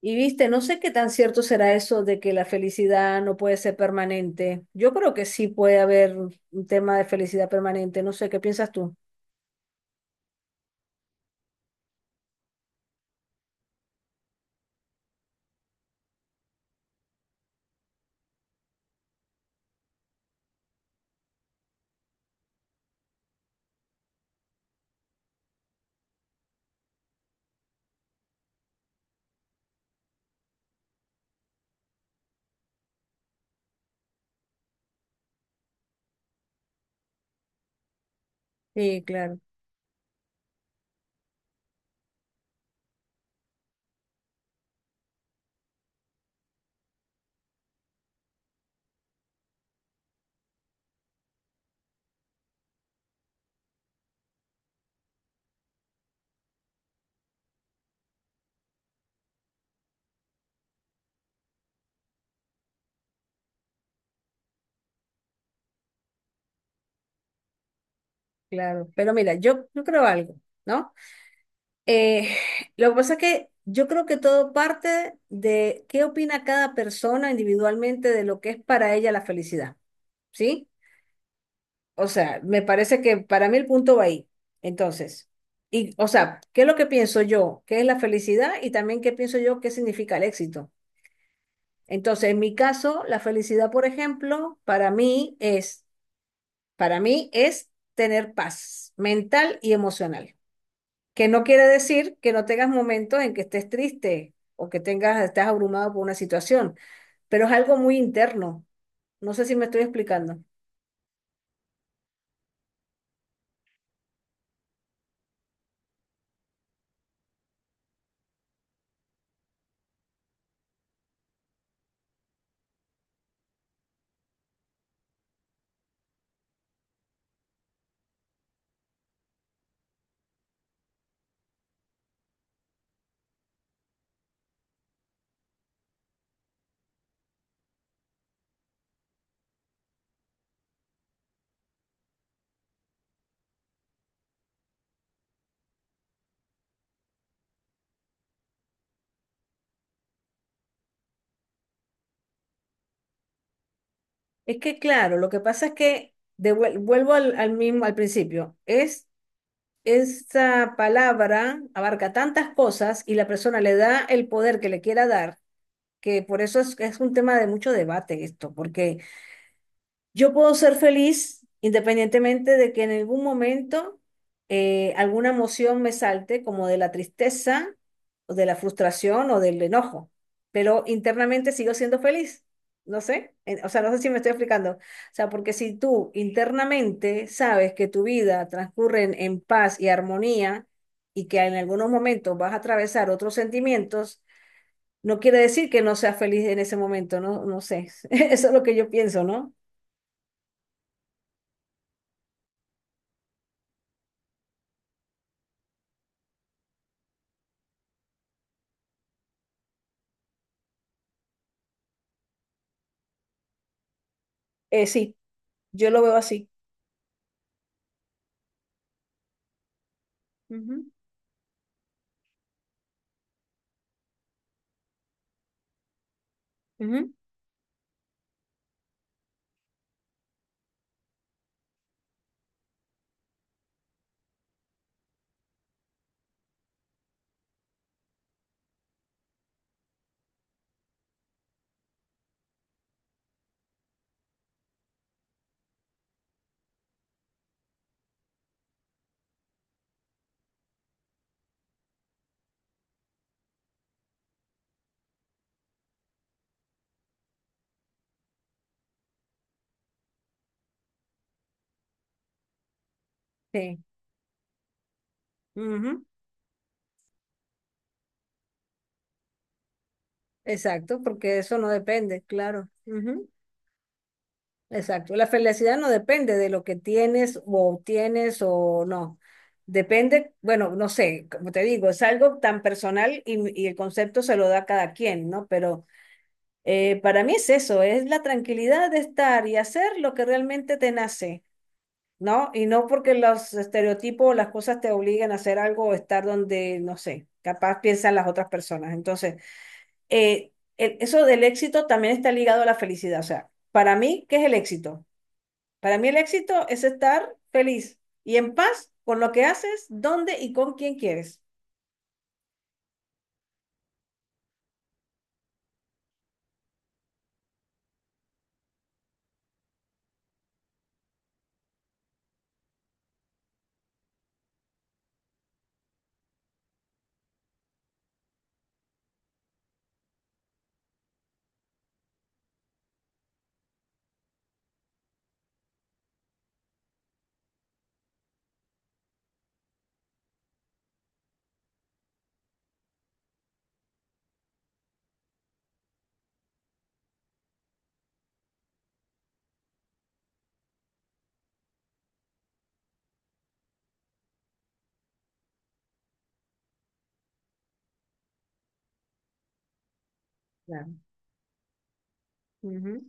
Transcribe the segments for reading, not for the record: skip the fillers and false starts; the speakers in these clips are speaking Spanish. Y viste, no sé qué tan cierto será eso de que la felicidad no puede ser permanente. Yo creo que sí puede haber un tema de felicidad permanente. No sé, ¿qué piensas tú? Sí, claro, claro. Pero mira, yo creo algo, ¿no? Eh, lo que pasa es que yo creo que todo parte de qué opina cada persona individualmente de lo que es para ella la felicidad, ¿sí? O sea, me parece que para mí el punto va ahí. Entonces, y, o sea, ¿qué es lo que pienso yo? ¿Qué es la felicidad? Y también qué pienso yo, qué significa el éxito. Entonces, en mi caso, la felicidad, por ejemplo, para mí es tener paz mental y emocional. Que no quiere decir que no tengas momentos en que estés triste o que tengas, estés abrumado por una situación, pero es algo muy interno. No sé si me estoy explicando. Es que claro, lo que pasa es que vuelvo al mismo al principio. Es esa palabra abarca tantas cosas y la persona le da el poder que le quiera dar, que por eso es un tema de mucho debate esto, porque yo puedo ser feliz independientemente de que en algún momento alguna emoción me salte, como de la tristeza o de la frustración o del enojo, pero internamente sigo siendo feliz. No sé, o sea, no sé si me estoy explicando. O sea, porque si tú internamente sabes que tu vida transcurre en paz y armonía y que en algunos momentos vas a atravesar otros sentimientos, no quiere decir que no seas feliz en ese momento, no, no sé. Eso es lo que yo pienso, ¿no? Sí. Yo lo veo así. Ujú, ujú. Sí, ujú, exacto, porque eso no depende, claro. Ujú, exacto. La felicidad no depende de lo que tienes o obtienes o no. Depende, bueno, no sé, como te digo, es algo tan personal y el concepto se lo da a cada quien, ¿no? Pero para mí es eso, es la tranquilidad de estar y hacer lo que realmente te nace. ¿No? Y no porque los estereotipos o las cosas te obliguen a hacer algo o estar donde, no sé, capaz piensan las otras personas. Entonces, eso del éxito también está ligado a la felicidad. O sea, para mí, ¿qué es el éxito? Para mí el éxito es estar feliz y en paz con lo que haces, dónde y con quién quieres. Claro. Ujú.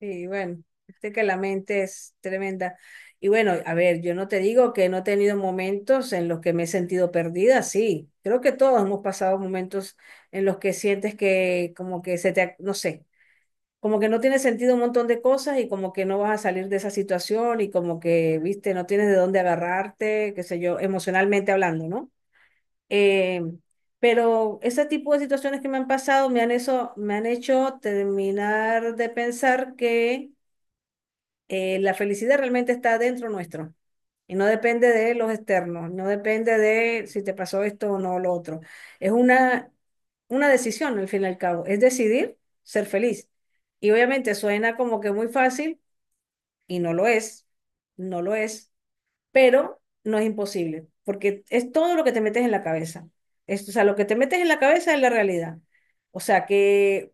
Y bueno, este que la mente es tremenda. Y bueno, a ver, yo no te digo que no he tenido momentos en los que me he sentido perdida, sí. Creo que todos hemos pasado momentos en los que sientes que como que se te, no sé, como que no tiene sentido un montón de cosas y como que no vas a salir de esa situación y como que, viste, no tienes de dónde agarrarte, qué sé yo, emocionalmente hablando, ¿no? Eh, pero ese tipo de situaciones que me han pasado me han, eso, me han hecho terminar de pensar que la felicidad realmente está dentro nuestro y no depende de los externos, no depende de si te pasó esto o no lo otro. Es una decisión al fin y al cabo, es decidir ser feliz. Y obviamente suena como que muy fácil y no lo es, no lo es, pero no es imposible, porque es todo lo que te metes en la cabeza. Es, o sea, lo que te metes en la cabeza es la realidad. O sea que,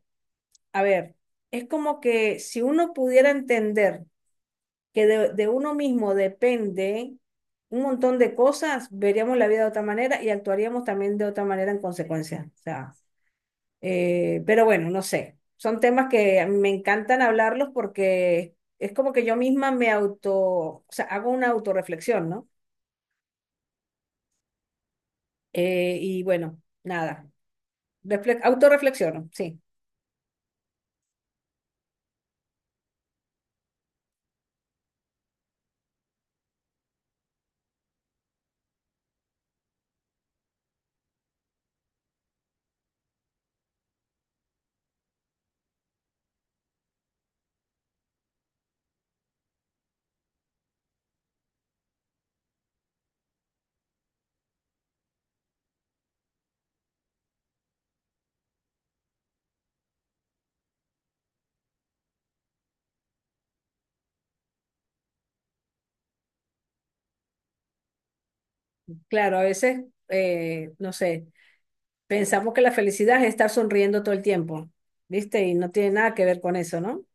a ver, es como que si uno pudiera entender que de uno mismo depende un montón de cosas, veríamos la vida de otra manera y actuaríamos también de otra manera en consecuencia. O sea, pero bueno, no sé. Son temas que a mí me encantan hablarlos porque es como que yo misma me auto, o sea, hago una autorreflexión, ¿no? Y bueno, nada. Autorreflexiono, sí. Claro, a veces, no sé, pensamos que la felicidad es estar sonriendo todo el tiempo, ¿viste? Y no tiene nada que ver con eso, ¿no?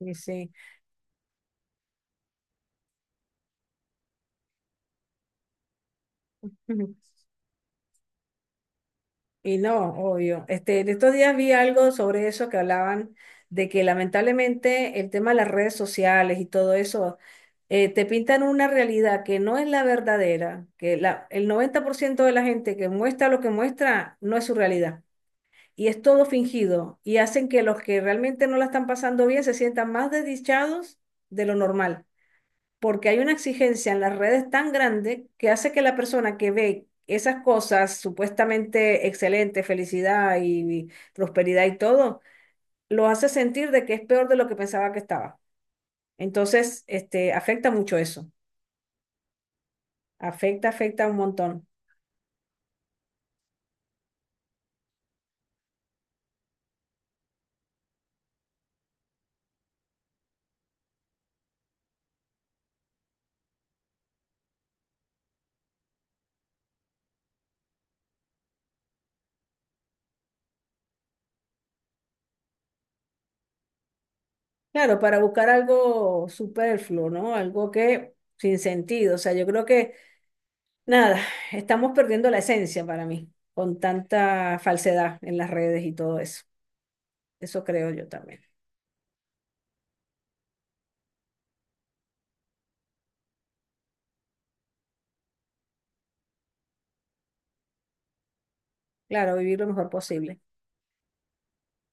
Y sí. Y no, obvio. Este, en estos días vi algo sobre eso que hablaban de que lamentablemente el tema de las redes sociales y todo eso te pintan una realidad que no es la verdadera, que la, el 90% de la gente que muestra lo que muestra no es su realidad y es todo fingido y hacen que los que realmente no la están pasando bien se sientan más desdichados de lo normal porque hay una exigencia en las redes tan grande que hace que la persona que ve esas cosas supuestamente excelentes, felicidad y prosperidad y todo, lo hace sentir de que es peor de lo que pensaba que estaba. Entonces, este, afecta mucho eso, afecta, afecta un montón. Claro, para buscar algo superfluo, ¿no? Algo que sin sentido, o sea, yo creo que nada, estamos perdiendo la esencia para mí, con tanta falsedad en las redes y todo eso. Eso creo yo también. Claro, vivir lo mejor posible.